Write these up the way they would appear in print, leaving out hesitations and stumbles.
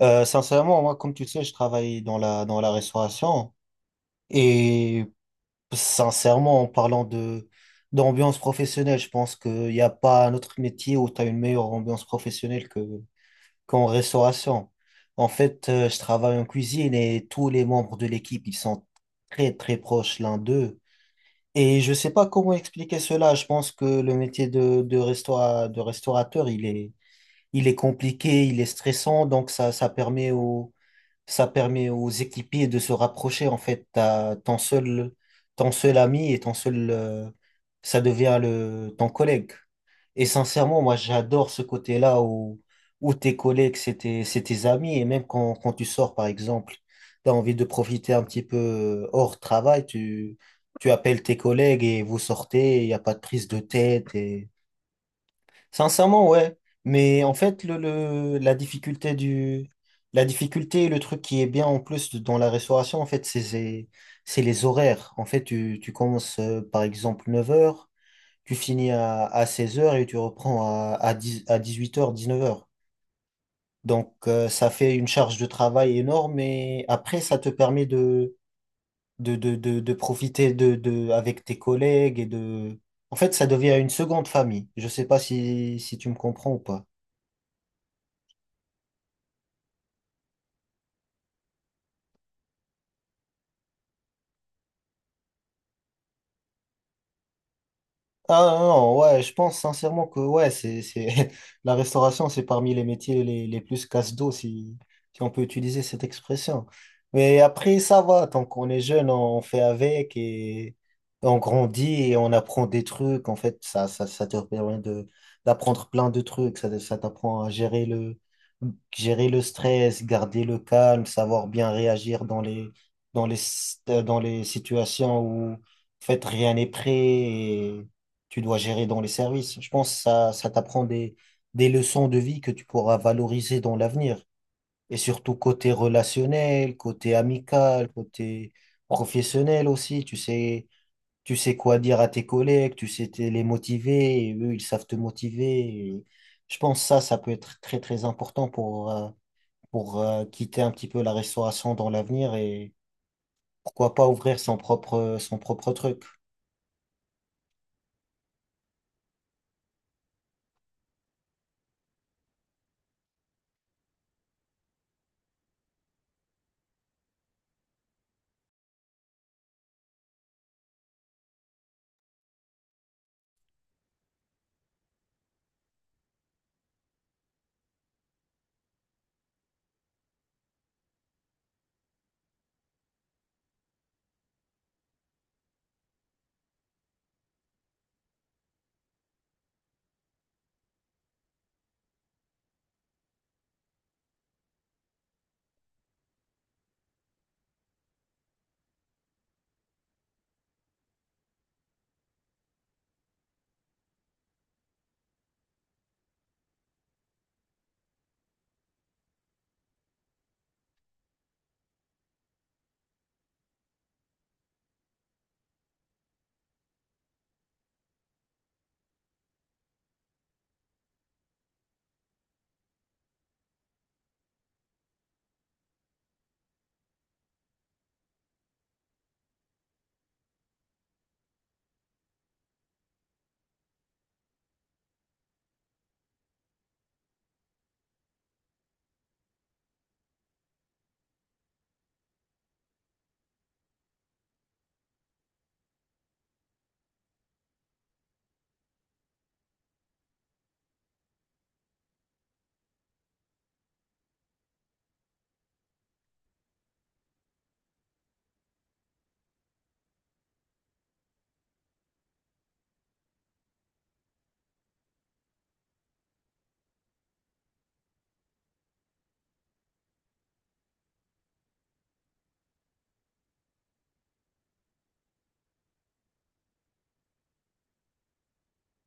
Sincèrement, moi, comme tu le sais, je travaille dans la restauration. Et sincèrement, en parlant d'ambiance professionnelle, je pense qu'il n'y a pas un autre métier où tu as une meilleure ambiance professionnelle qu'en restauration. En fait, je travaille en cuisine et tous les membres de l'équipe, ils sont très, très proches l'un d'eux. Et je sais pas comment expliquer cela. Je pense que le métier de restaurateur, il est compliqué, il est stressant, donc ça permet aux équipiers de se rapprocher. En fait, t'as ton seul ami et ton seul, ça devient ton collègue. Et sincèrement, moi, j'adore ce côté-là où tes collègues, c'est tes amis. Et même quand tu sors, par exemple, tu as envie de profiter un petit peu hors travail, tu appelles tes collègues et vous sortez. Il n'y a pas de prise de tête. Sincèrement, ouais. Mais en fait, la difficulté et le truc qui est bien en plus dans la restauration, en fait, c'est les horaires. En fait, tu commences, par exemple, 9h, tu finis à 16h et tu reprends à 18h, 19h. Donc, ça fait une charge de travail énorme et après, ça te permet de profiter avec tes collègues et en fait, ça devient une seconde famille. Je sais pas si tu me comprends ou pas. Ah non, ouais, je pense sincèrement que ouais, la restauration, c'est parmi les métiers les plus casse-dos, si on peut utiliser cette expression. Mais après, ça va, tant qu'on est jeune, on fait avec et on grandit et on apprend des trucs. En fait, ça te permet d'apprendre plein de trucs. Ça t'apprend à gérer le stress, garder le calme, savoir bien réagir dans les, dans les situations où, en fait, rien n'est prêt, tu dois gérer dans les services. Je pense que ça t'apprend des leçons de vie que tu pourras valoriser dans l'avenir. Et surtout côté relationnel, côté amical, côté professionnel aussi. Tu sais quoi dire à tes collègues, tu sais les motiver, et eux, ils savent te motiver. Et je pense que ça peut être très, très important pour quitter un petit peu la restauration dans l'avenir et pourquoi pas ouvrir son propre truc.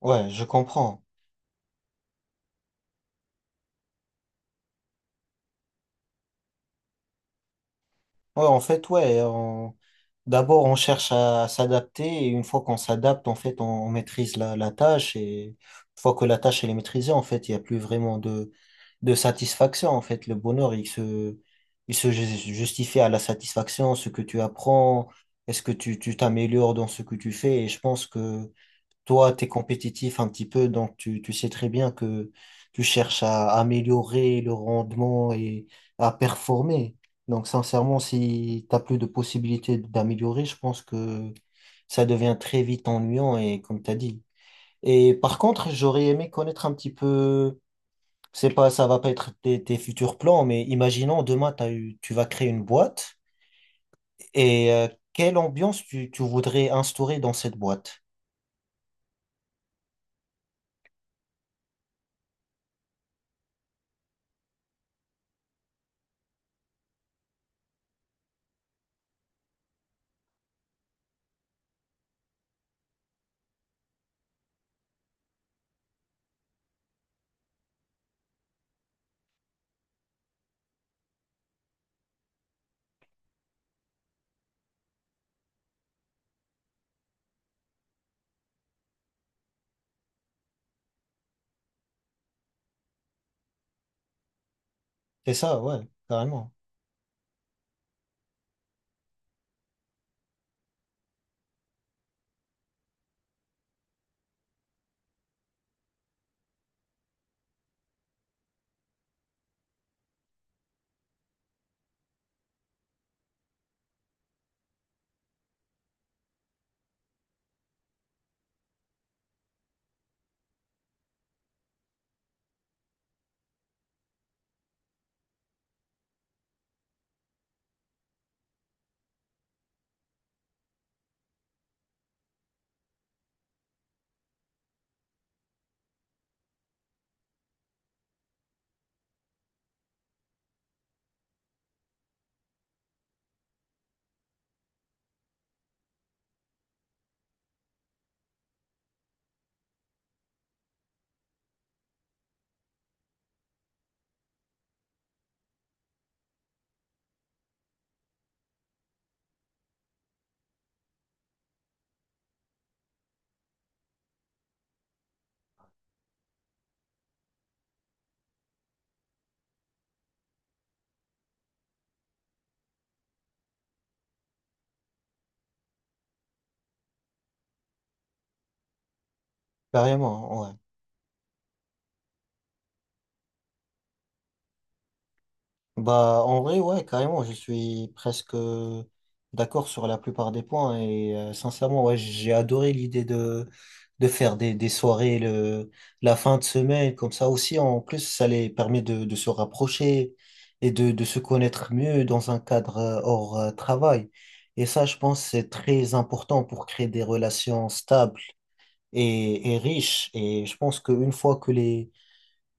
Ouais, je comprends. Ouais, en fait, ouais. D'abord, on cherche à s'adapter et une fois qu'on s'adapte, en fait, on maîtrise la tâche et une fois que la tâche elle est maîtrisée, en fait, il n'y a plus vraiment de satisfaction. En fait, le bonheur, il se ju- justifie à la satisfaction, ce que tu apprends, est-ce que tu t'améliores dans ce que tu fais. Et je pense que toi, tu es compétitif un petit peu, donc tu sais très bien que tu cherches à améliorer le rendement et à performer. Donc, sincèrement, si tu plus de possibilités d'améliorer, je pense que ça devient très vite ennuyant et comme tu as dit. Et par contre, j'aurais aimé connaître un petit peu, c'est pas, ça va pas être tes futurs plans, mais imaginons demain, tu vas créer une boîte. Et quelle ambiance tu voudrais instaurer dans cette boîte? C'est ça, ouais, carrément. Carrément, ouais. Bah, en vrai, ouais, carrément, je suis presque, d'accord sur la plupart des points et sincèrement, ouais, j'ai adoré l'idée de faire des soirées la fin de semaine, comme ça aussi, en plus, ça les permet de se rapprocher et de se connaître mieux dans un cadre, hors travail. Et ça, je pense, c'est très important pour créer des relations stables et riches. Et je pense qu'une fois que les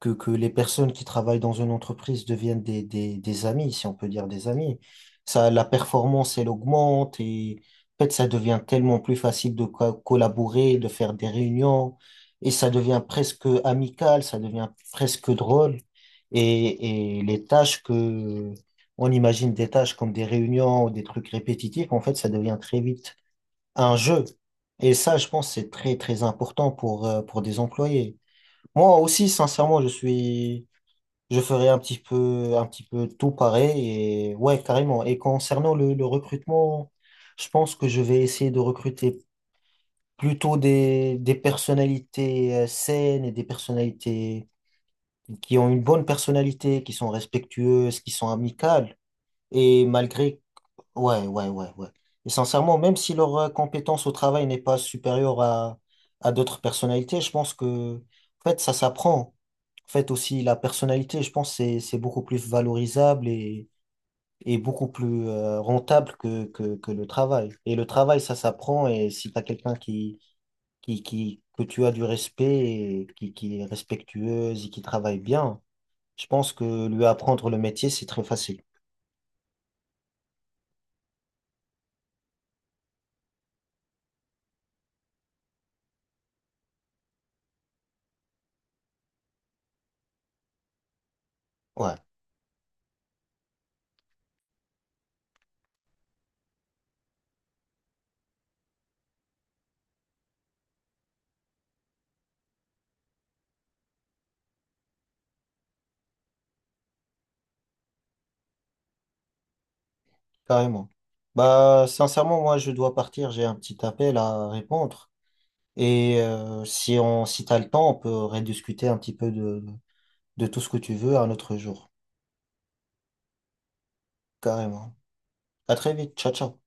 que, les personnes qui travaillent dans une entreprise deviennent des amis, si on peut dire des amis. Ça, la performance, elle augmente et en fait, ça devient tellement plus facile de collaborer, de faire des réunions et ça devient presque amical, ça devient presque drôle. Et les tâches on imagine des tâches comme des réunions ou des trucs répétitifs, en fait, ça devient très vite un jeu. Et ça, je pense, c'est très, très important pour des employés. Moi aussi, sincèrement, je ferai un petit peu tout pareil et ouais, carrément. Et concernant le recrutement, je pense que je vais essayer de recruter plutôt des personnalités, saines, et des personnalités qui ont une bonne personnalité, qui sont respectueuses, qui sont amicales. Et malgré Ouais, ouais, ouais, ouais. Et sincèrement, même si leur, compétence au travail n'est pas supérieure à d'autres personnalités, je pense que, en fait, ça s'apprend. En fait, aussi, la personnalité, je pense, c'est beaucoup plus valorisable et beaucoup plus, rentable que le travail. Et le travail, ça s'apprend. Et si tu as quelqu'un que tu as du respect, et qui est respectueuse et qui travaille bien, je pense que lui apprendre le métier, c'est très facile. Ouais. Carrément. Bah, sincèrement, moi, je dois partir. J'ai un petit appel à répondre. Et si t'as le temps, on peut rediscuter un petit peu de tout ce que tu veux un autre jour. Carrément. À très vite. Ciao, ciao.